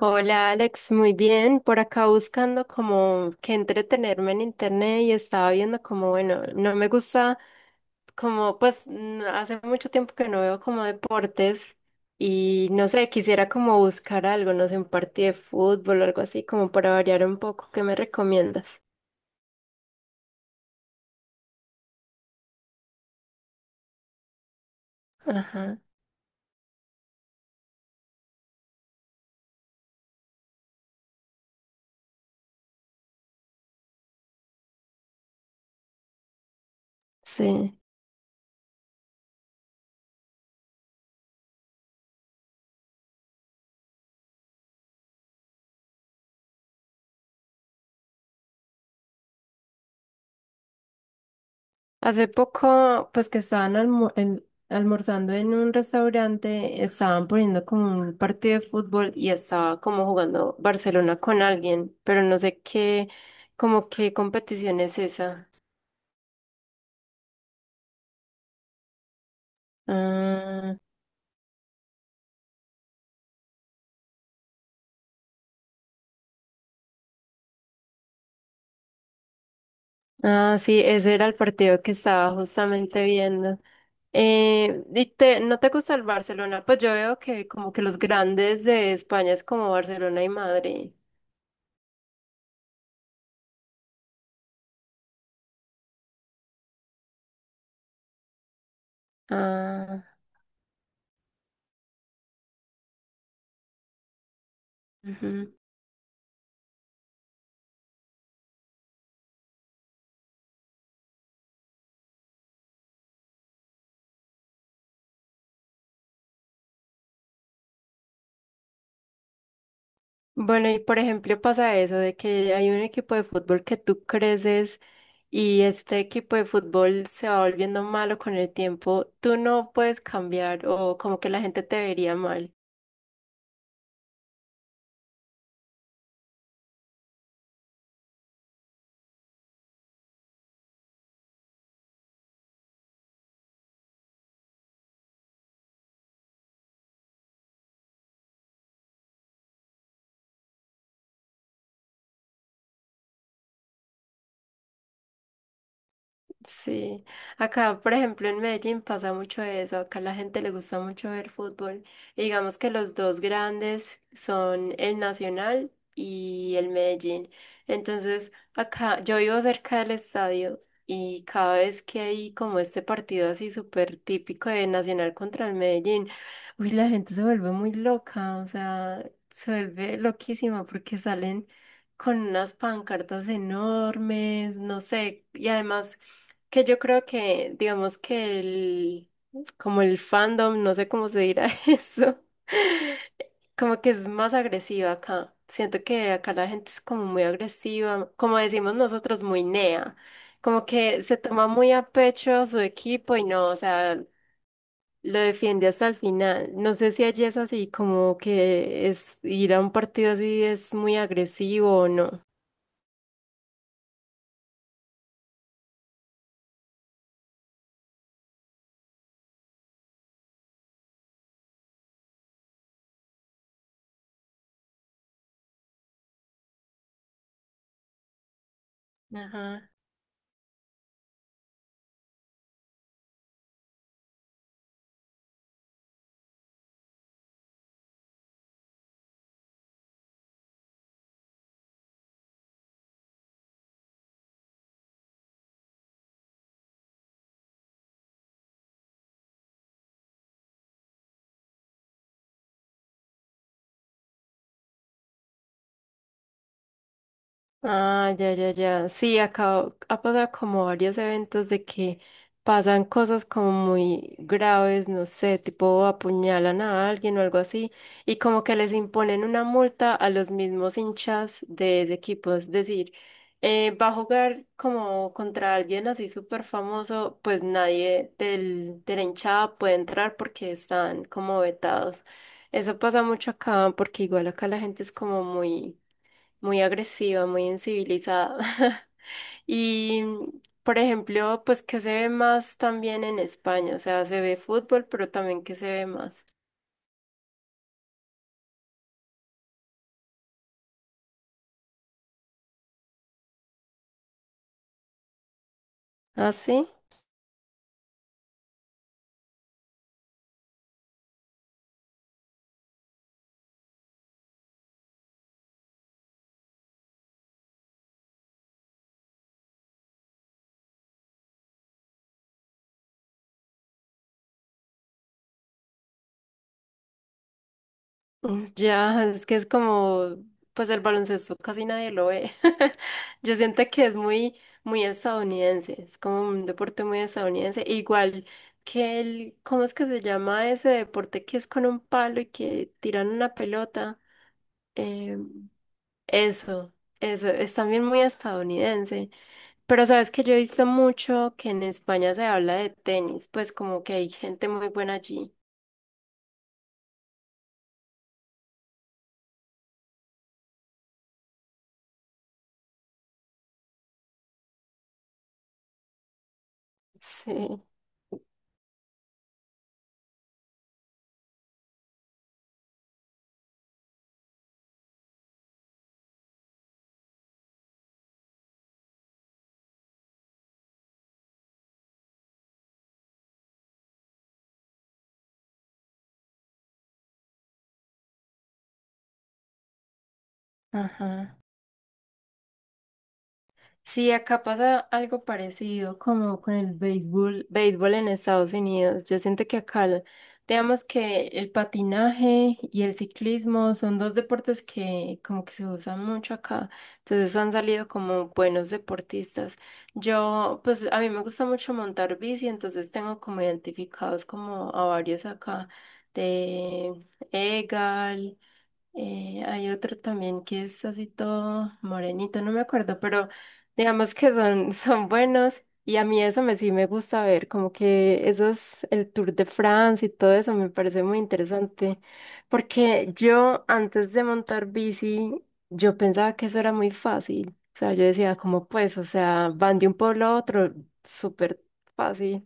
Hola Alex, muy bien. Por acá buscando como que entretenerme en internet y estaba viendo como, bueno, no me gusta como, pues n- hace mucho tiempo que no veo como deportes y no sé, quisiera como buscar algo, no sé, un partido de fútbol o algo así como para variar un poco. ¿Qué me recomiendas? Ajá, sí. Hace poco, pues que estaban almu- en- almorzando en un restaurante, estaban poniendo como un partido de fútbol y estaba como jugando Barcelona con alguien, pero no sé qué, como qué competición es esa. Ah, ah, sí, ese era el partido que estaba justamente viendo. ¿Y te- no te gusta el Barcelona? Pues yo veo que como que los grandes de España es como Barcelona y Madrid. Ah. Bueno, y por ejemplo pasa eso de que hay un equipo de fútbol que tú creces y este equipo de fútbol se va volviendo malo con el tiempo. Tú no puedes cambiar o como que la gente te vería mal. Sí, acá por ejemplo en Medellín pasa mucho eso, acá la gente le gusta mucho ver fútbol. Y digamos que los dos grandes son el Nacional y el Medellín. Entonces, acá yo vivo cerca del estadio y cada vez que hay como este partido así súper típico de Nacional contra el Medellín, uy, la gente se vuelve muy loca, o sea, se vuelve loquísima porque salen con unas pancartas enormes, no sé, y además... Que yo creo que, digamos que el, como el fandom, no sé cómo se dirá eso, como que es más agresiva acá. Siento que acá la gente es como muy agresiva, como decimos nosotros, muy nea. Como que se toma muy a pecho a su equipo y no, o sea, lo defiende hasta el final. No sé si allí es así, como que es ir a un partido así es muy agresivo o no. Ajá. Ah, ya, ya, ya. Sí, acá ha pasado como varios eventos de que pasan cosas como muy graves, no sé, tipo apuñalan a alguien o algo así, y como que les imponen una multa a los mismos hinchas de ese equipo. Es decir, va a jugar como contra alguien así súper famoso, pues nadie del, de la hinchada puede entrar porque están como vetados. Eso pasa mucho acá, porque igual acá la gente es como muy agresiva, muy incivilizada. Y, por ejemplo, pues que se ve más también en España, o sea, se ve fútbol, pero también que se ve más. ¿Ah, sí? Mm, ya, es que es como, pues el baloncesto casi nadie lo ve. Yo siento que es muy, muy estadounidense, es como un deporte muy estadounidense. E igual que el, ¿cómo es que se llama ese deporte que es con un palo y que tiran una pelota? Em, Eso, eso, es también muy estadounidense. Pero sabes que yo he visto mucho que en España se habla de tenis, pues como que hay gente muy buena allí. Sí. Ajá. Sí, acá pasa algo parecido como con el béisbol, béisbol en Estados Unidos. Yo siento que acá, el- digamos que el patinaje y el ciclismo son dos deportes que como que se usan mucho acá. Entonces han salido como buenos deportistas. Yo, pues a mí me gusta mucho montar bici, entonces tengo como identificados como a varios acá de Egal. Hay otro también que es así todo morenito, no me acuerdo, pero digamos que son, son buenos y a mí eso me sí me gusta ver, como que eso es el Tour de France y todo eso me parece muy interesante, porque yo antes de montar bici, yo pensaba que eso era muy fácil, o sea, yo decía, como pues, o sea, van de un pueblo a otro, súper fácil.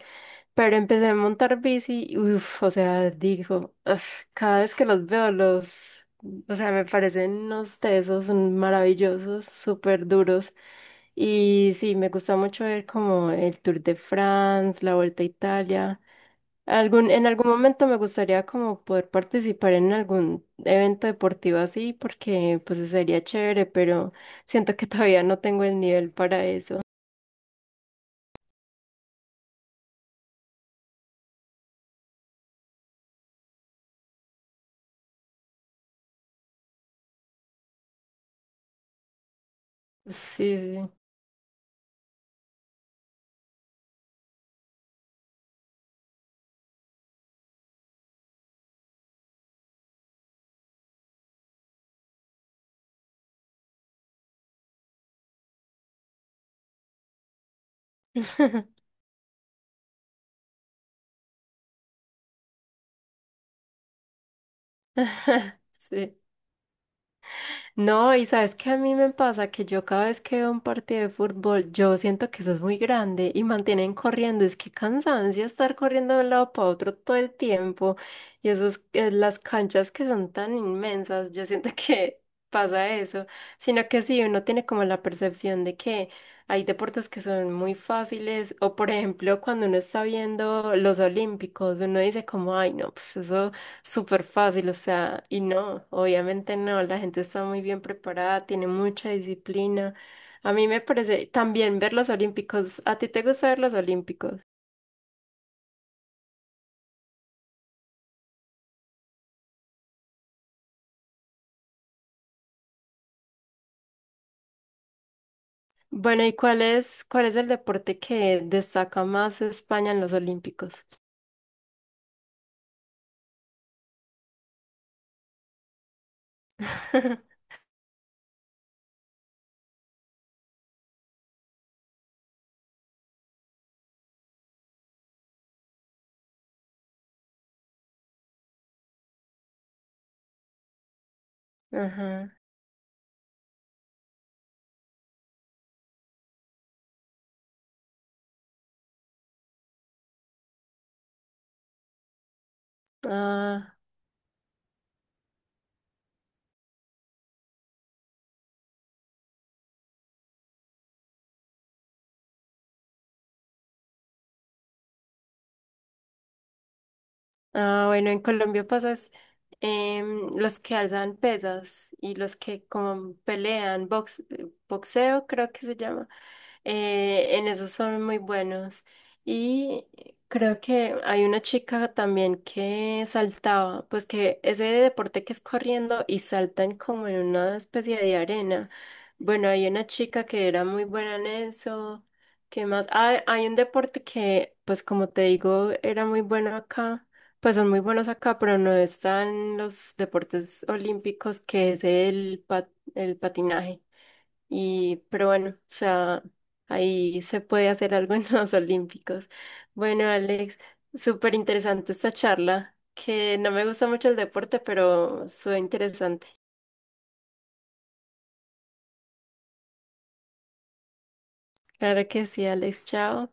Pero empecé a montar bici, uff, o sea, digo, "Uf, cada vez que los veo los o sea, me parecen unos tesos maravillosos, súper duros. Y sí, me gusta mucho ver como el Tour de France, la Vuelta a Italia. Algún, en algún momento me gustaría como poder participar en algún evento deportivo así, porque pues sería chévere, pero siento que todavía no tengo el nivel para eso. Sí, sí. Sí. No, y sabes que a mí me pasa que yo cada vez que veo un partido de fútbol, yo siento que eso es muy grande y mantienen corriendo. Es que cansancio estar corriendo de un lado para otro todo el tiempo. Y esos, las canchas que son tan inmensas, yo siento que pasa eso. Sino que sí, uno tiene como la percepción de que hay deportes que son muy fáciles. O por ejemplo, cuando uno está viendo los olímpicos, uno dice como, ay, no, pues eso. Súper fácil, o sea, y no, obviamente no, la gente está muy bien preparada, tiene mucha disciplina. A mí me parece también ver los olímpicos, ¿a ti te gusta ver los olímpicos? Bueno, ¿y cuál es el deporte que destaca más España en los olímpicos? Ajá. Ah. Ah, bueno, en Colombia pasas los que alzan pesas y los que como pelean, box, boxeo creo que se llama. En esos son muy buenos. Y creo que hay una chica también que saltaba, pues que ese deporte que es corriendo y saltan como en una especie de arena. Bueno, hay una chica que era muy buena en eso. ¿Qué más? Ah, hay un deporte que, pues como te digo, era muy bueno acá pues son muy buenos acá, pero no están los deportes olímpicos que es el, pa- el patinaje. Y, pero bueno, o sea, ahí se puede hacer algo en los olímpicos. Bueno, Alex, súper interesante esta charla, que no me gusta mucho el deporte, pero fue interesante. Claro que sí, Alex, chao.